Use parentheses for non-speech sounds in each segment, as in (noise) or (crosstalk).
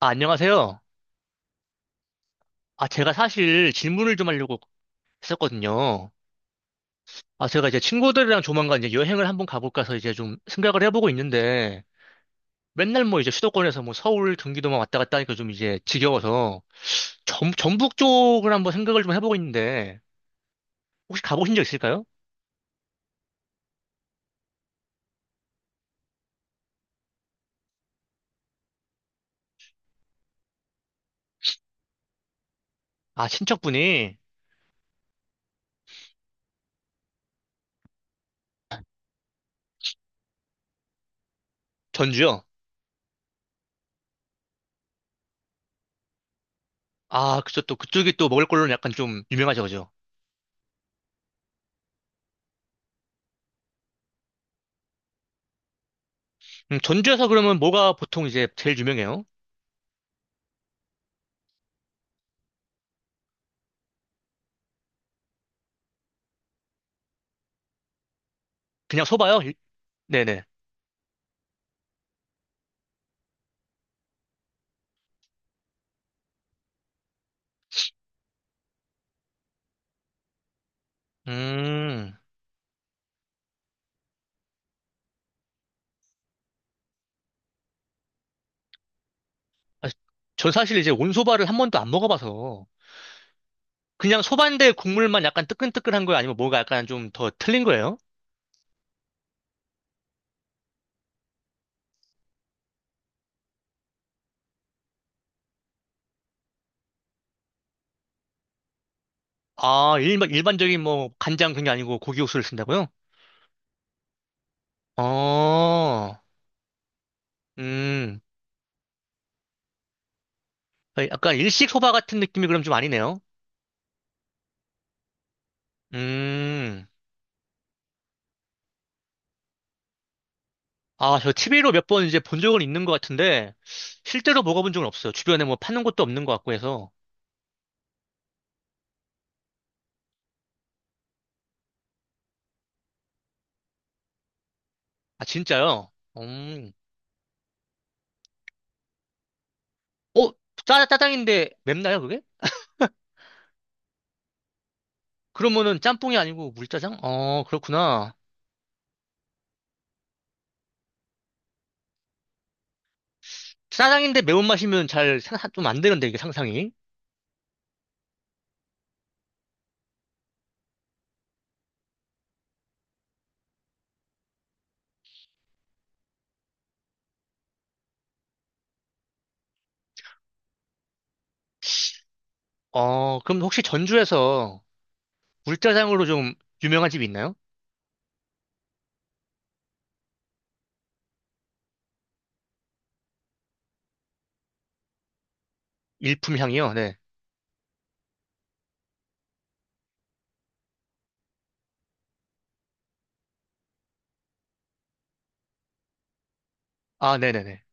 아, 안녕하세요. 아, 제가 사실 질문을 좀 하려고 했었거든요. 아, 제가 이제 친구들이랑 조만간 이제 여행을 한번 가볼까 해서 이제 좀 생각을 해보고 있는데, 맨날 뭐 이제 수도권에서 뭐 서울, 경기도만 왔다 갔다 하니까 좀 이제 지겨워서, 전, 전북 쪽을 한번 생각을 좀 해보고 있는데, 혹시 가보신 적 있을까요? 아, 친척분이 전주요? 아, 그쵸. 또 그쪽이 또 먹을 걸로는 약간 좀 유명하죠, 그죠? 전주에서 그러면 뭐가 보통 이제 제일 유명해요? 그냥 소바요? 네네. 음. 아, 전 사실 이제 온소바를 한 번도 안 먹어봐서 그냥 소반대 국물만 약간 뜨끈뜨끈한 거예요? 아니면 뭐가 약간 좀 더 틀린 거예요? 아, 일반, 일반적인 뭐 간장 그게 아니고 고기 육수를 쓴다고요? 어, 음, 아, 약간 일식 소바 같은 느낌이 그럼 좀 아니네요? 음, 아, 저 TV로 몇 번 이제 본 적은 있는 것 같은데 실제로 먹어본 적은 없어요. 주변에 뭐 파는 곳도 없는 것 같고 해서. 아, 진짜요? 음, 어, 짜, 짜장인데 맵나요, 그게? 그러면은 짬뽕이 아니고 물짜장? 어, 그렇구나. 짜장인데 매운맛이면 잘, 좀 안 되는데, 이게 상상이. 어, 그럼 혹시 전주에서 물짜장으로 좀 유명한 집이 있나요? 일품 향이요? 네. 아, 네네네.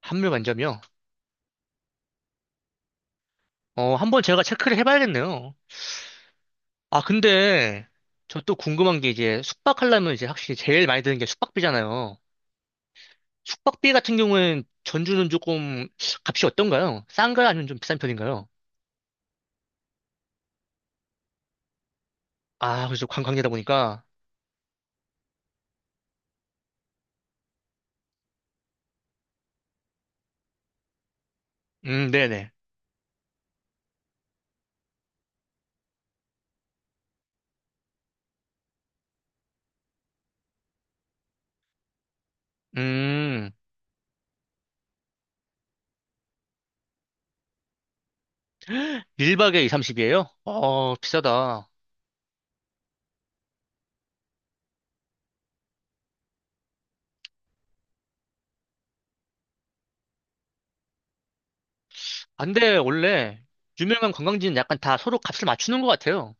한물 만점이요? 어, 한번 제가 체크를 해봐야겠네요. 아, 근데 저 또 궁금한 게 이제 숙박하려면 이제 확실히 제일 많이 드는 게 숙박비잖아요. 숙박비 같은 경우는 전주는 조금 값이 어떤가요? 싼가요? 아니면 좀 비싼 편인가요? 아, 그래서 관광지다 보니까. 네네. 음, 1박에 2, 30이에요? 어, 비싸다. 안데 원래 유명한 관광지는 약간 다 서로 값을 맞추는 것 같아요.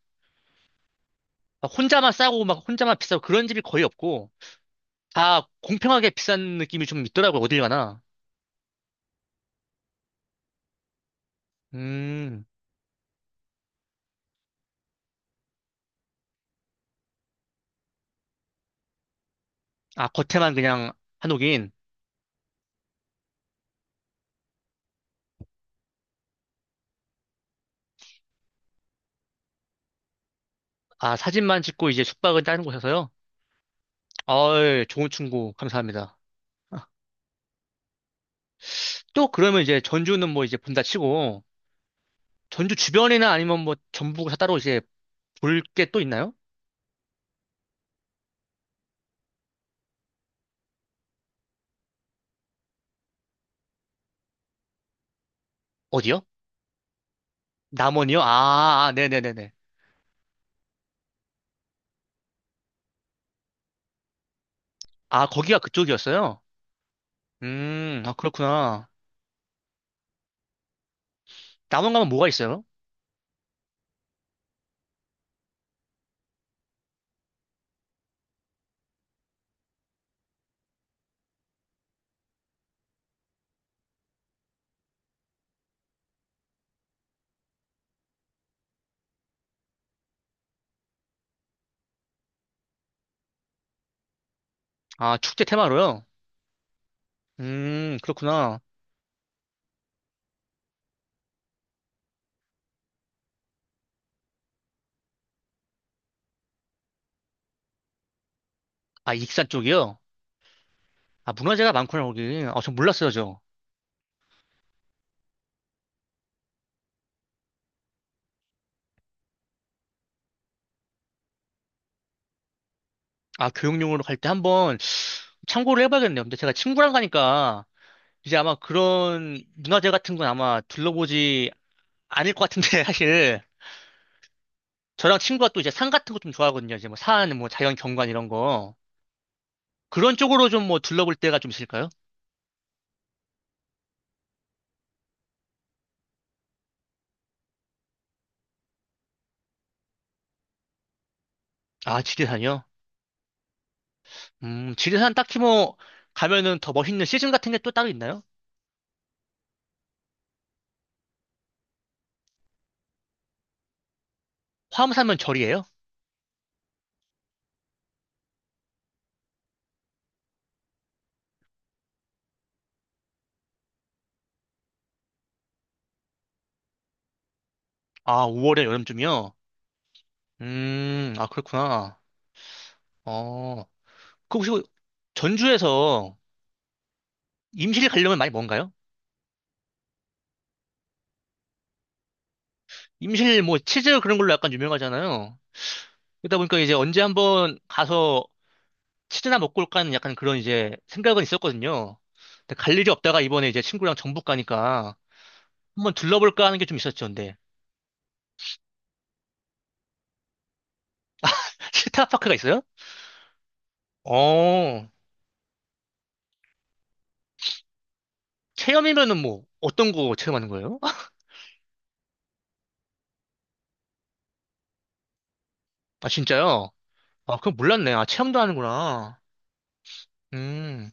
막 혼자만 싸고 막 혼자만 비싸고 그런 집이 거의 없고 다 공평하게 비싼 느낌이 좀 있더라고요. 어딜 가나. 음, 아, 겉에만 그냥 한옥인. 아, 사진만 찍고 이제 숙박은 다른 곳에서요? 어이, 좋은 충고 감사합니다. 아, 또 그러면 이제 전주는 뭐 이제 본다 치고 전주 주변이나 아니면 뭐 전부가 따로 이제 볼 게 또 있나요? 어디요? 남원이요? 아, 아, 아, 네네네네. 아, 거기가 그쪽이었어요? 아, 그렇구나. 남원 가면 뭐가 있어요? 아, 축제 테마로요? 그렇구나. 아, 익산 쪽이요? 아, 문화재가 많구나, 거기. 아, 전 몰랐어요, 저. 아, 교육용으로 갈 때 한번 참고를 해봐야겠네요. 근데 제가 친구랑 가니까 이제 아마 그런 문화재 같은 건 아마 둘러보지 않을 것 같은데, (laughs) 사실. 저랑 친구가 또 이제 산 같은 거 좀 좋아하거든요. 이제 뭐 산, 뭐 자연 경관 이런 거. 그런 쪽으로 좀 뭐 둘러볼 때가 좀 있을까요? 아, 지리산이요? 지리산 딱히 뭐 가면은 더 멋있는 시즌 같은 게 또 따로 있나요? 화암산면 절이에요? 아, 5월에 여름쯤이요? 아, 그렇구나. 어, 그 혹시 뭐 전주에서 임실 가려면 많이 먼가요? 임실 뭐 치즈 그런 걸로 약간 유명하잖아요. 그러다 보니까 이제 언제 한번 가서 치즈나 먹고 올까 하는 약간 그런 이제 생각은 있었거든요. 근데 갈 일이 없다가 이번에 이제 친구랑 전북 가니까 한번 둘러볼까 하는 게 좀 있었죠, 근데. (laughs) 실타파크가 있어요? 어, 체험이면은 뭐 어떤 거 체험하는 거예요? (laughs) 아 진짜요? 아 그건 몰랐네. 아 체험도 하는구나. 음.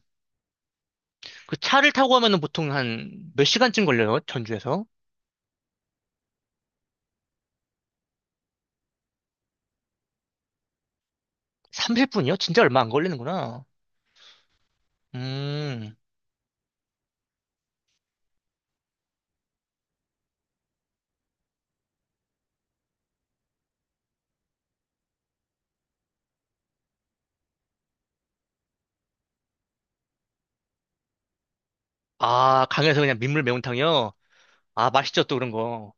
그 차를 타고 가면은 보통 한 몇 시간쯤 걸려요? 전주에서? 30분이요? 진짜 얼마 안 걸리는구나. 음. 아 강에서 그냥 민물 매운탕이요? 아 맛있죠 또 그런 거.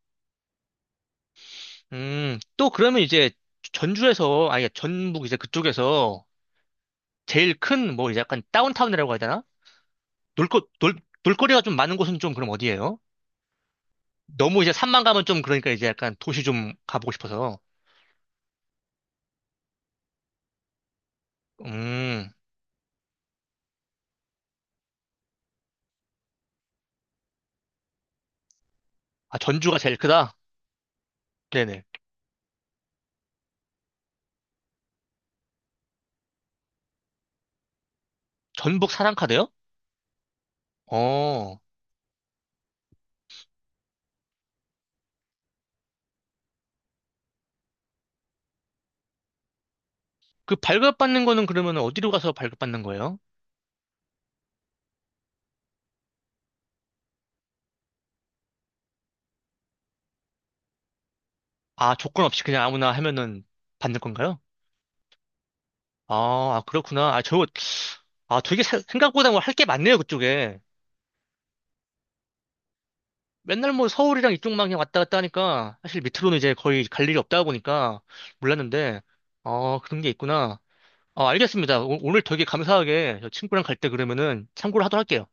음. 또 그러면 이제 전주에서 아니 전북 이제 그쪽에서 제일 큰 뭐 이제 약간 다운타운이라고 해야 되나? 놀거 놀 놀거리가 좀 많은 곳은 좀 그럼 어디예요? 너무 이제 산만 가면 좀 그러니까 이제 약간 도시 좀 가보고 싶어서. 음. 아, 전주가 제일 크다? 네네. 전북 사랑카대요? 어. 그 발급받는 거는 그러면 어디로 가서 발급받는 거예요? 아, 조건 없이 그냥 아무나 하면은 받는 건가요? 아, 아, 그렇구나. 아, 저, 아, 되게 생각보다 뭐 할 게 많네요, 그쪽에. 맨날 뭐 서울이랑 이쪽만 그냥 왔다 갔다 하니까 사실 밑으로는 이제 거의 갈 일이 없다 보니까 몰랐는데, 어, 그런 게 있구나. 어, 알겠습니다. 오, 오늘 되게 감사하게 저 친구랑 갈 때 그러면은 참고를 하도록 할게요.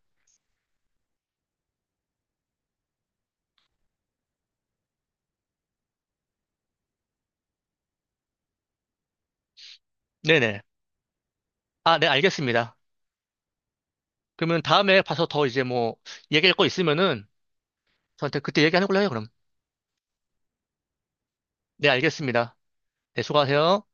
네네. 아, 네, 알겠습니다. 그러면 다음에 봐서 더 이제 뭐 얘기할 거 있으면은 저한테 그때 얘기하는 걸로 해요, 그럼. 네, 알겠습니다. 네, 수고하세요.